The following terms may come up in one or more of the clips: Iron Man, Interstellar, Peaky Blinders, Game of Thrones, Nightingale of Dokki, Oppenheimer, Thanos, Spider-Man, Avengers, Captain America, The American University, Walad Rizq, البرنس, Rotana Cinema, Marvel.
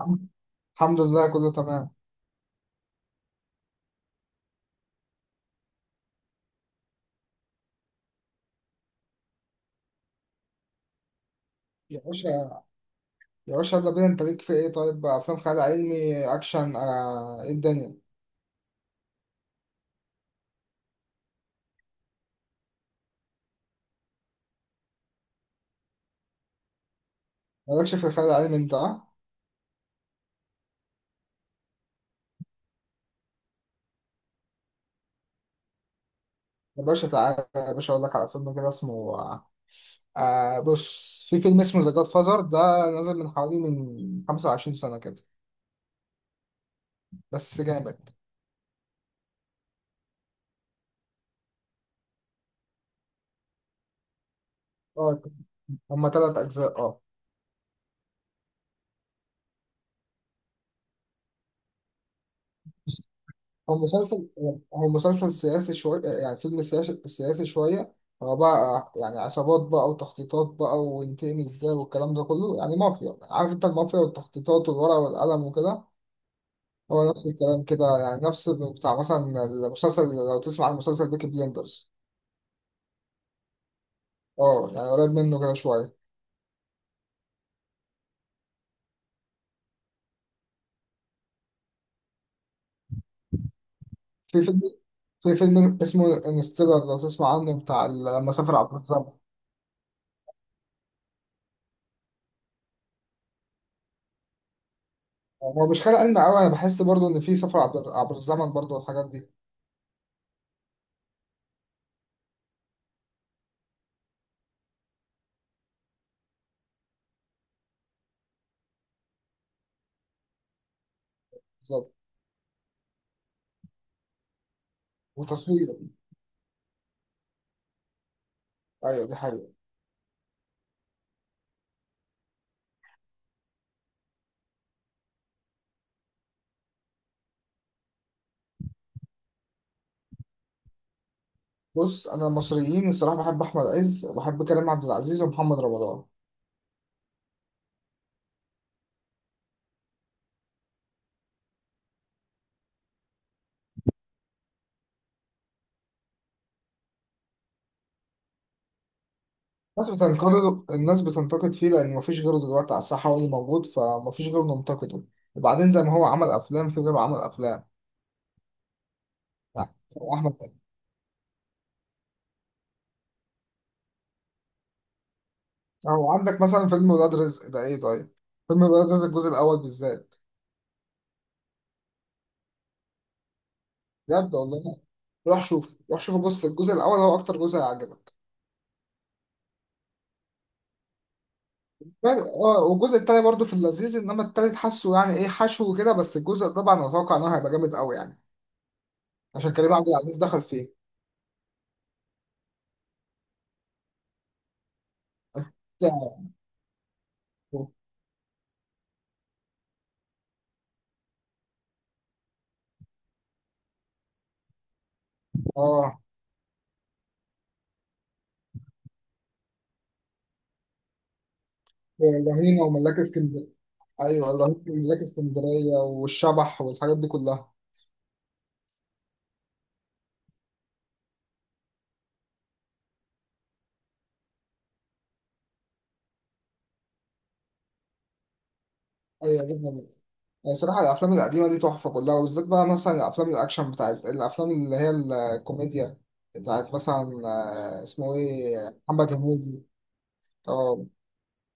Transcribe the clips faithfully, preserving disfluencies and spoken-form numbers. الحمد الحمد لله كله تمام. يا باشا يا باشا يلا بينا، انت ليك في ايه؟ طيب بقى افلام خيال علمي اكشن آه ايه الدنيا؟ مالكش في الخيال العلمي انت؟ اه يا باشا تعالى يا باشا اقول لك على فيلم كده اسمه آه آه، بص، في فيلم اسمه ذا جاد فازر ده. نزل من حوالي من خمسة وعشرين سنة كده. بس جامد. اه هما تلات اجزاء. اه هو مسلسل، هو مسلسل سياسي شوية، يعني فيلم سياسي سياسي شوية. هو بقى يعني عصابات بقى وتخطيطات بقى، وينتقم ازاي والكلام ده كله، يعني مافيا. عارف انت المافيا والتخطيطات والورق والقلم وكده. هو نفس الكلام كده، يعني نفس بتاع مثلا المسلسل، لو تسمع عن مسلسل بيكي بليندرز. اه يعني قريب منه كده شوية. في فيلم في فيلم اسمه انستيلر، لو تسمع عنه، بتاع ال- لما سافر عبر الزمن. هو مش خيال علمي قوي، انا بحس برضو ان في سفر عبر عبر الزمن برضو والحاجات دي. بالظبط. وتصوير. ايوه، دي حقيقة. بص، انا المصريين الصراحة بحب احمد عز، وبحب كريم عبد العزيز ومحمد رمضان. الناس بتنتقد الناس بتنتقد فيه لان مفيش غيره دلوقتي على الساحة، هو اللي موجود فمفيش غيره ننتقده. وبعدين زي ما هو عمل افلام، في غيره عمل افلام. يعني هو احمد عز، او عندك مثلا فيلم ولاد رزق ده، ايه طيب؟ فيلم ولاد رزق الجزء الاول بالذات، بجد والله. روح شوف روح شوف بص الجزء الاول هو اكتر جزء هيعجبك. يعني، اه، والجزء التاني برضه في اللذيذ، انما التالت حاسه يعني ايه حشو كده. بس الجزء الرابع انا اتوقع ان هو هيبقى جامد قوي يعني، عشان كريم عبد العزيز دخل فيه. اه، الرهينة وملاك اسكندرية. ايوه، الرهينة وملاك اسكندرية والشبح والحاجات دي كلها. ايوه جدا. يعني صراحة الافلام القديمة دي تحفة كلها، وبالذات بقى مثلا الافلام الاكشن، بتاعت الافلام اللي هي الكوميديا، بتاعت مثلا آه، اسمه ايه، محمد هنيدي. اه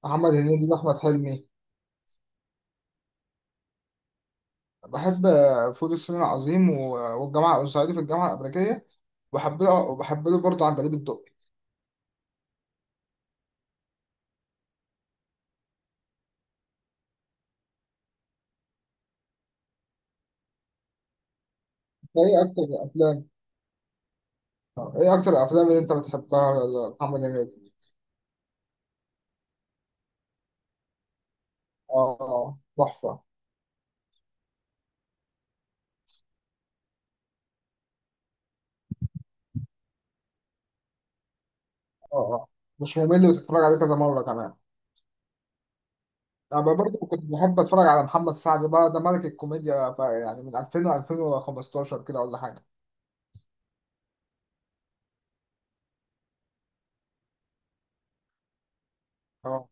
محمد هنيدي واحمد حلمي. بحب آه، فول الصين العظيم و- والجامعة والصعيدي في الجامعة الأمريكية. وبحب له وبحب له برضه عندليب الدقي. ده إيه أكتر أفلام؟ آه، ايه اكتر الافلام اللي انت بتحبها لمحمد هنيدي؟ اه آه، تحفه، اه. اه، مش ممل، وتتفرج عليه كذا مره كمان. انا برضه كنت بحب اتفرج على محمد سعد بقى، ده ملك الكوميديا بقى، يعني من ألفين ل ألفين وخمسة عشر كده ولا حاجه. اه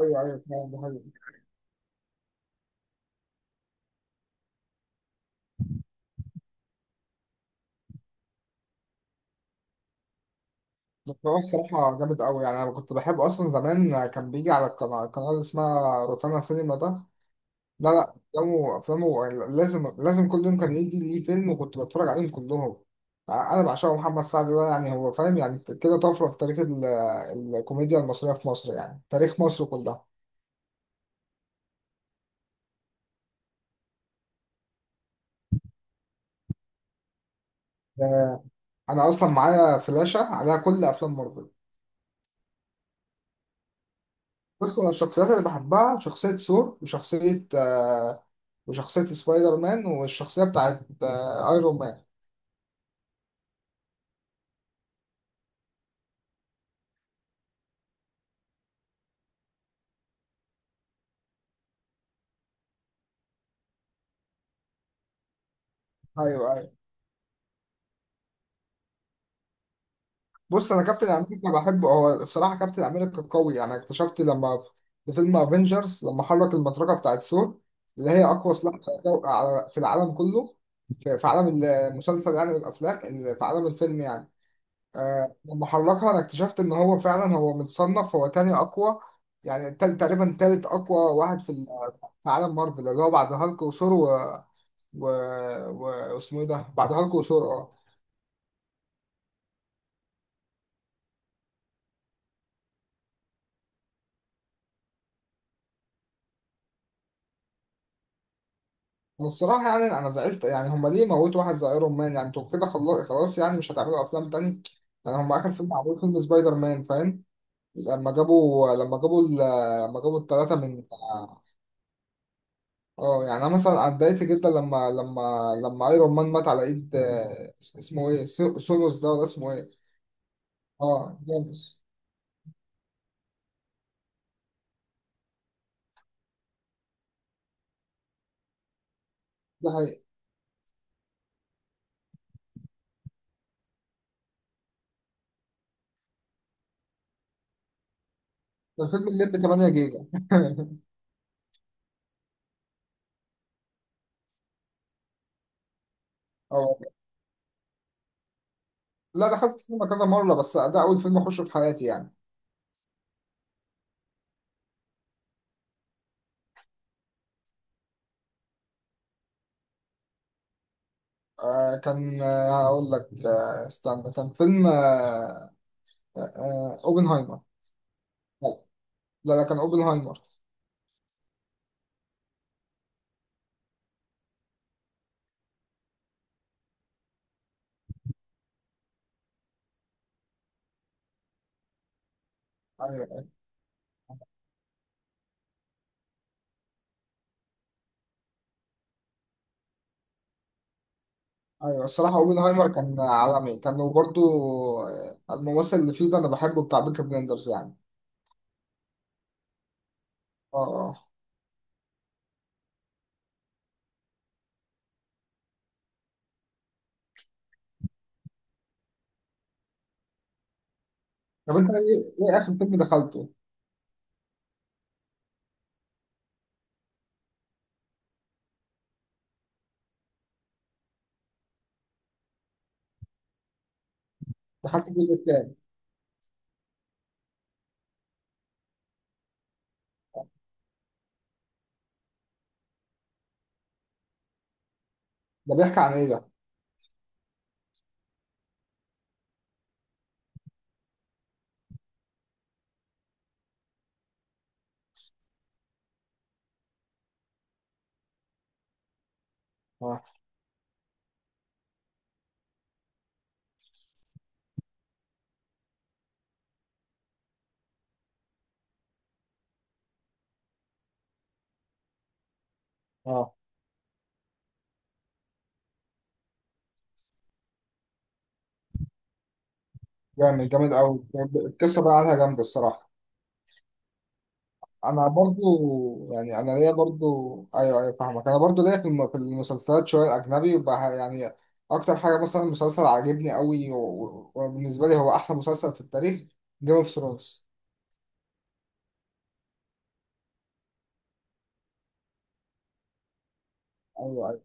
ايوه ايوه، فعلا ده حقيقي. بس هو الصراحه جامد قوي يعني، انا كنت بحبه اصلا زمان. كان بيجي على القناه القناه اللي اسمها روتانا سينما ده. لا لا، افلامه، افلامه لازم لازم كل يوم كان يجي ليه فيلم، وكنت بتفرج عليهم كلهم. ع- انا بعشقه محمد سعد ده يعني، هو فاهم يعني كده طفره في تاريخ ال- الكوميديا المصريه في مصر، يعني تاريخ مصر كلها. آه، انا اصلا معايا فلاشه عليها كل افلام مارفل. بص، انا الشخصيات اللي بحبها شخصيه ثور، وشخصيه آه، وشخصيه سبايدر مان، والشخصيه بتاعت آه، ايرون مان. ايوه أيوه. بص، انا كابتن امريكا بحبه، هو الصراحه كابتن امريكا قوي يعني. اكتشفت لما في فيلم افنجرز، لما حرك المطرقه بتاعت ثور، اللي هي اقوى سلاح على جو- على- في العالم كله، في في عالم المسلسل يعني والافلام ال- في عالم الفيلم يعني. آه، لما حركها انا اكتشفت ان هو فعلا، هو متصنف هو تاني اقوى يعني، تل- تقريبا تالت اقوى واحد في ال- في عالم مارفل، اللي هو بعد هالك وثور و... و... و... واسمه ايه ده، بعد هالك وثور. اه، والصراحة يعني أنا زعلت. يعني هما ليه موتوا واحد زي أيرون مان؟ يعني أنتوا كده خلا- خلاص، يعني مش هتعملوا أفلام تاني؟ يعني هما آخر فيلم عملوه فيلم سبايدر مان، فاهم؟ لما جابوا لما جابوا ال- لما جابوا التلاتة من اه آه، يعني أنا مثلا اتضايقت جدا لما لما لما أيرون مان مات على إيد آه، اسمه إيه، سو- سولوس ده ولا اسمه إيه؟ اه، جانوس. ده حقيقي. ده فيلم الليمبي تمنية جيجا اه، لا، دخلت السينما كذا مرة، بس ده أول فيلم أخشه في حياتي يعني. آه كان آه، هقول لك آه استنى، كان فيلم آه آه اوبنهايمر. لا لا لا، كان اوبنهايمر. ايوه ايوه، الصراحه اوبنهايمر كان عالمي كان، وبرده الممثل اللي فيه ده انا بحبه، بتاع بيكي بلندرز يعني. اه. اه. طب انت ايه، ايه اخر فيلم دخلته؟ دخلت الجزء التاني. ده بيحكي عن ايه ده؟ اه. اه، جامد جامد قوي. القصه بقى عليها جامده الصراحه. انا برضو يعني، انا ليا برضو، ايوه ايوه فاهمك، انا برضو ليا في الم- في المسلسلات شويه اجنبي بقى يعني. اكتر حاجه مثلا مسلسل عاجبني قوي، و- و- وبالنسبه لي هو احسن مسلسل في التاريخ، جيم اوف ثرونز. ايوه ايوه،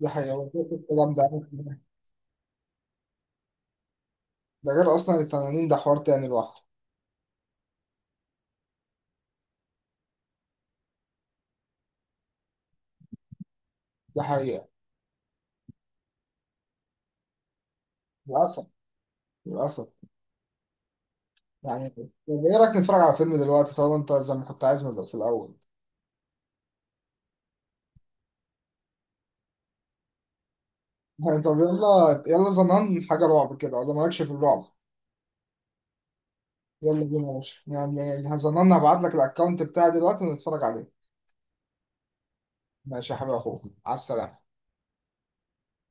دي حقيقه، هو ده الكلام ده. ده غير اصلا التنانين، ده حوار تاني لوحده. دي حقيقه. للاسف. للاسف. يعني طب ايه رايك نتفرج على فيلم دلوقتي، طالما انت زي ما كنت عايز من- في الاول؟ يعني طب يلا، يلا زمان حاجه رعب كده، ولا مالكش في الرعب؟ يلا بينا يا باشا، يعني هظن انا هبعت لك الاكونت بتاعي دلوقتي ونتفرج عليه. ماشي يا حبيبي، اخوك على السلامة.